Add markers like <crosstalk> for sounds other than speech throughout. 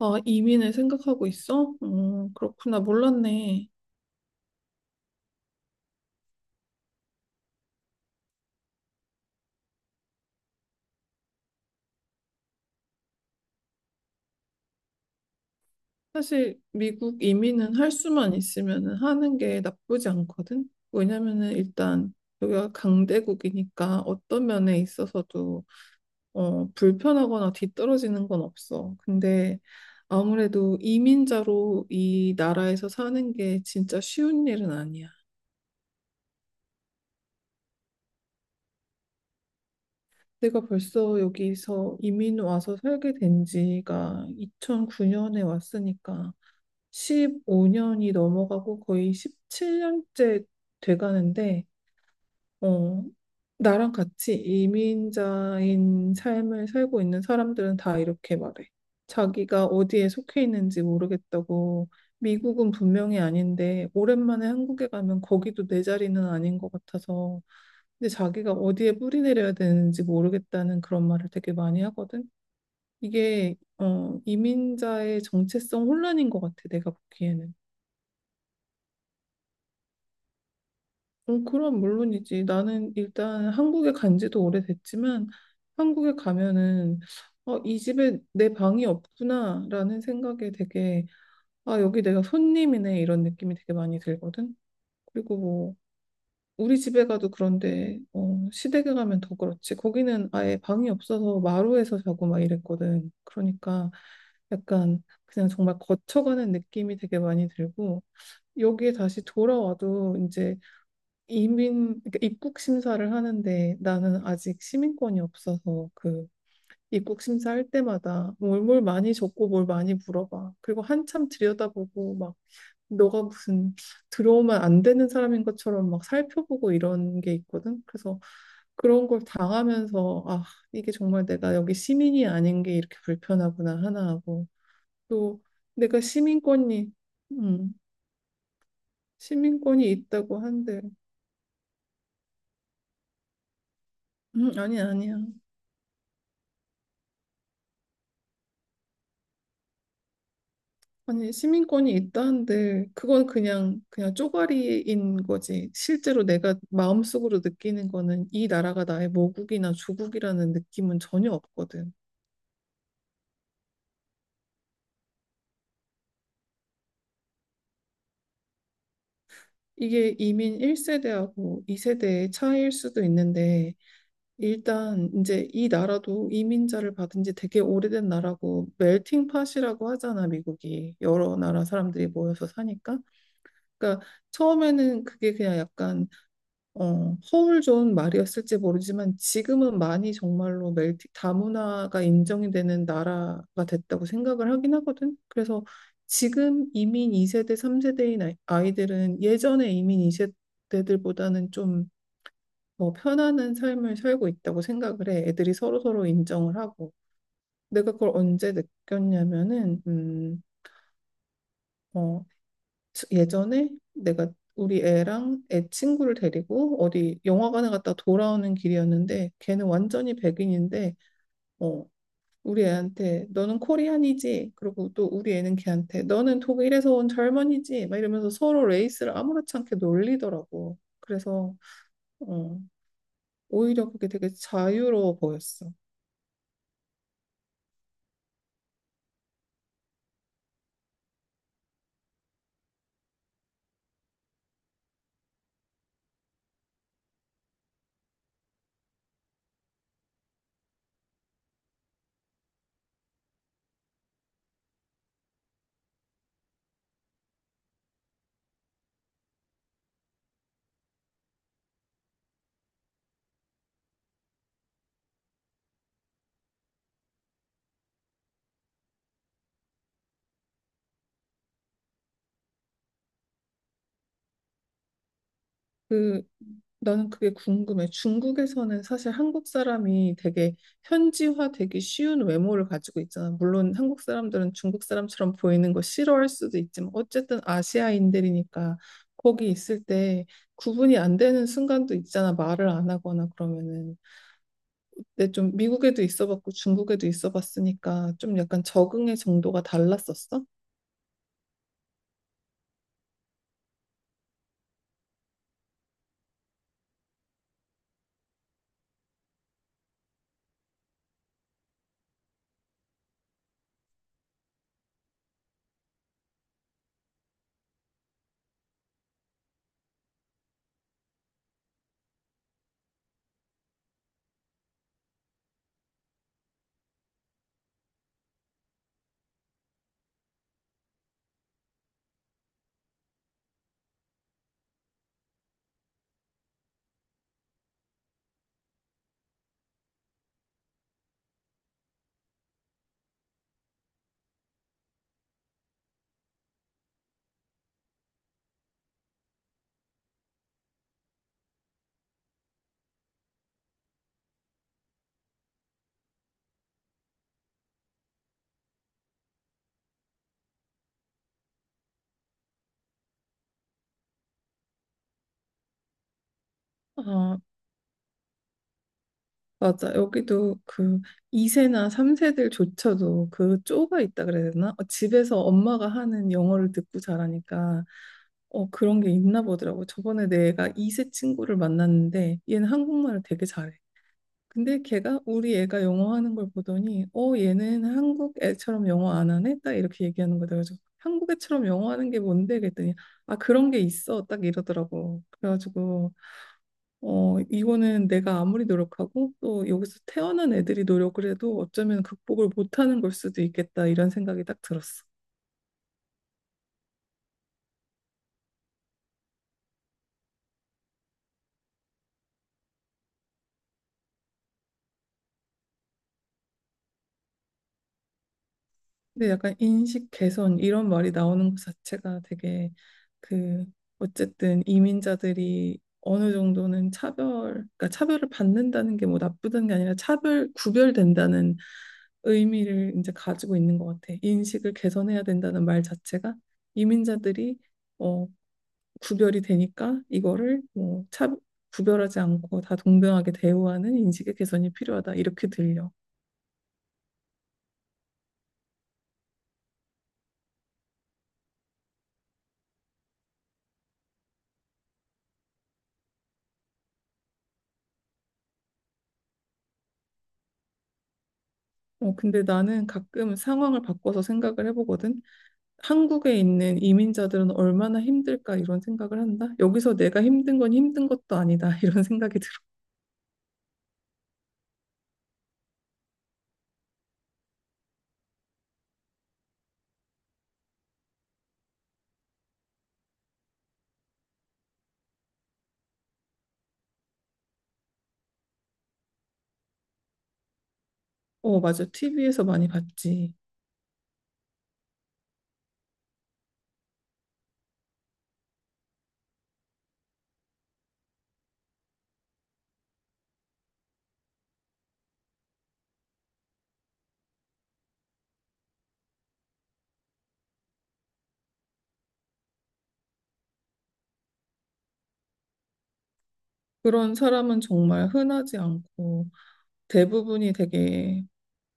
아, 이민을 생각하고 있어? 그렇구나. 몰랐네. 사실 미국 이민은 할 수만 있으면은 하는 게 나쁘지 않거든. 왜냐면은 일단 여기가 강대국이니까 어떤 면에 있어서도 불편하거나 뒤떨어지는 건 없어. 근데 아무래도 이민자로 이 나라에서 사는 게 진짜 쉬운 일은 아니야. 내가 벌써 여기서 이민 와서 살게 된 지가 2009년에 왔으니까 15년이 넘어가고 거의 17년째 돼가는데, 어, 나랑 같이 이민자인 삶을 살고 있는 사람들은 다 이렇게 말해. 자기가 어디에 속해 있는지 모르겠다고. 미국은 분명히 아닌데, 오랜만에 한국에 가면 거기도 내 자리는 아닌 것 같아서, 근데 자기가 어디에 뿌리 내려야 되는지 모르겠다는 그런 말을 되게 많이 하거든. 이게, 이민자의 정체성 혼란인 것 같아, 내가 보기에는. 그럼 물론이지. 나는 일단 한국에 간 지도 오래됐지만 한국에 가면은 이 집에 내 방이 없구나라는 생각에 되게 아, 여기 내가 손님이네 이런 느낌이 되게 많이 들거든. 그리고 뭐 우리 집에 가도 그런데 시댁에 가면 더 그렇지. 거기는 아예 방이 없어서 마루에서 자고 막 이랬거든. 그러니까 약간 그냥 정말 거쳐가는 느낌이 되게 많이 들고 여기에 다시 돌아와도 이제 이민, 그러니까 입국 심사를 하는데 나는 아직 시민권이 없어서 그 입국 심사할 때마다 뭘 많이 적고 뭘 많이 물어봐. 그리고 한참 들여다보고 막 너가 무슨 들어오면 안 되는 사람인 것처럼 막 살펴보고 이런 게 있거든. 그래서 그런 걸 당하면서 아, 이게 정말 내가 여기 시민이 아닌 게 이렇게 불편하구나 하나 하고 또 내가 음, 시민권이 있다고 한들 아니, 아니야. 아니, 시민권이 있다는데, 그건 그냥 쪼가리인 거지. 실제로 내가 마음속으로 느끼는 거는 이 나라가 나의 모국이나 조국이라는 느낌은 전혀 없거든. 이게 이민 1세대하고 2세대의 차이일 수도 있는데, 일단 이제 이 나라도 이민자를 받은 지 되게 오래된 나라고, 멜팅 팟이라고 하잖아, 미국이. 여러 나라 사람들이 모여서 사니까. 그러니까 처음에는 그게 그냥 약간 허울 좋은 말이었을지 모르지만 지금은 많이 정말로 멜티 다문화가 인정이 되는 나라가 됐다고 생각을 하긴 하거든. 그래서 지금 이민 2세대, 3세대인 아이들은 예전에 이민 2세대들보다는 좀 뭐 편안한 삶을 살고 있다고 생각을 해. 애들이 서로서로 인정을 하고. 내가 그걸 언제 느꼈냐면은, 어, 예전에 내가 우리 애랑 애 친구를 데리고 어디 영화관에 갔다 돌아오는 길이었는데 걔는 완전히 백인인데 어 우리 애한테 너는 코리안이지. 그리고 또 우리 애는 걔한테 너는 독일에서 온 젊은이지 막 이러면서 서로 레이스를 아무렇지 않게 놀리더라고. 그래서 어 오히려 그게 되게 자유로워 보였어. 그 나는 그게 궁금해. 중국에서는 사실 한국 사람이 되게 현지화 되기 쉬운 외모를 가지고 있잖아. 물론 한국 사람들은 중국 사람처럼 보이는 거 싫어할 수도 있지만 어쨌든 아시아인들이니까 거기 있을 때 구분이 안 되는 순간도 있잖아. 말을 안 하거나 그러면은. 근데 좀 미국에도 있어 봤고 중국에도 있어 봤으니까 좀 약간 적응의 정도가 달랐었어? 아, 맞아. 여기도 그 2세나 3세들조차도 그 쪼가 있다 그래야 되나? 집에서 엄마가 하는 영어를 듣고 자라니까 그런 게 있나 보더라고. 저번에 내가 2세 친구를 만났는데 얘는 한국말을 되게 잘해. 근데 걔가 우리 애가 영어 하는 걸 보더니 얘는 한국 애처럼 영어 안 하네? 딱 이렇게 얘기하는 거다. 그래서 한국 애처럼 영어 하는 게 뭔데? 그랬더니 아, 그런 게 있어. 딱 이러더라고. 그래가지고 이거는 내가 아무리 노력하고 또 여기서 태어난 애들이 노력을 해도 어쩌면 극복을 못하는 걸 수도 있겠다 이런 생각이 딱 들었어. 근데 약간 인식 개선 이런 말이 나오는 것 자체가 되게 그 어쨌든 이민자들이 어느 정도는 차별, 그러니까 차별을 받는다는 게 뭐 나쁘다는 게 아니라 차별, 구별된다는 의미를 이제 가지고 있는 것 같아. 인식을 개선해야 된다는 말 자체가 이민자들이 어, 구별이 되니까 이거를 뭐 구별하지 않고 다 동등하게 대우하는 인식의 개선이 필요하다. 이렇게 들려. 근데 나는 가끔 상황을 바꿔서 생각을 해보거든. 한국에 있는 이민자들은 얼마나 힘들까 이런 생각을 한다. 여기서 내가 힘든 건 힘든 것도 아니다. <laughs> 이런 생각이 들어. 어, 맞아. TV에서 많이 봤지. 그런 사람은 정말 흔하지 않고 대부분이 되게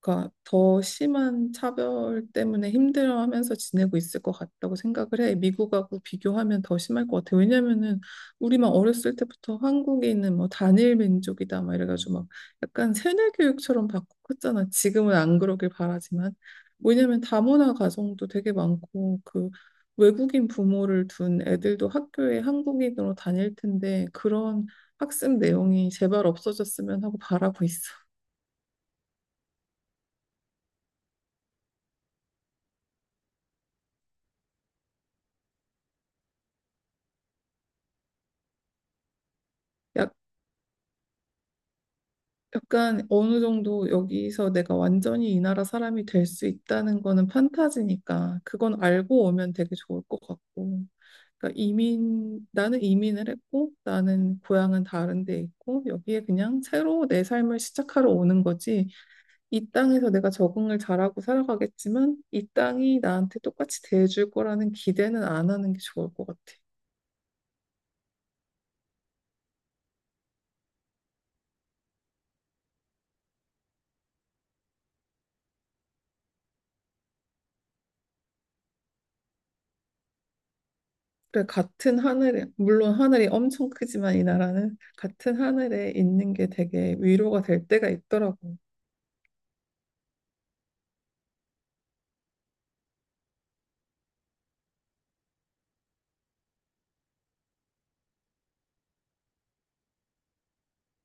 그러니까 더 심한 차별 때문에 힘들어하면서 지내고 있을 것 같다고 생각을 해. 미국하고 비교하면 더 심할 것 같아. 왜냐면은 우리만 어렸을 때부터 한국에 있는 뭐 단일 민족이다 막 이래가지고 막 약간 세뇌 교육처럼 받고 컸잖아. 지금은 안 그러길 바라지만. 왜냐면 다문화 가정도 되게 많고 그 외국인 부모를 둔 애들도 학교에 한국인으로 다닐 텐데 그런 학습 내용이 제발 없어졌으면 하고 바라고 있어. 약간 어느 정도 여기서 내가 완전히 이 나라 사람이 될 수 있다는 거는 판타지니까 그건 알고 오면 되게 좋을 것 같고. 그러니까 이민, 나는 이민을 했고 나는 고향은 다른 데 있고 여기에 그냥 새로 내 삶을 시작하러 오는 거지. 이 땅에서 내가 적응을 잘하고 살아가겠지만 이 땅이 나한테 똑같이 대해줄 거라는 기대는 안 하는 게 좋을 것 같아. 그래, 같은 하늘에, 물론 하늘이 엄청 크지만 이 나라는 같은 하늘에 있는 게 되게 위로가 될 때가 있더라고.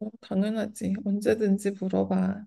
어, 당연하지. 언제든지 물어봐.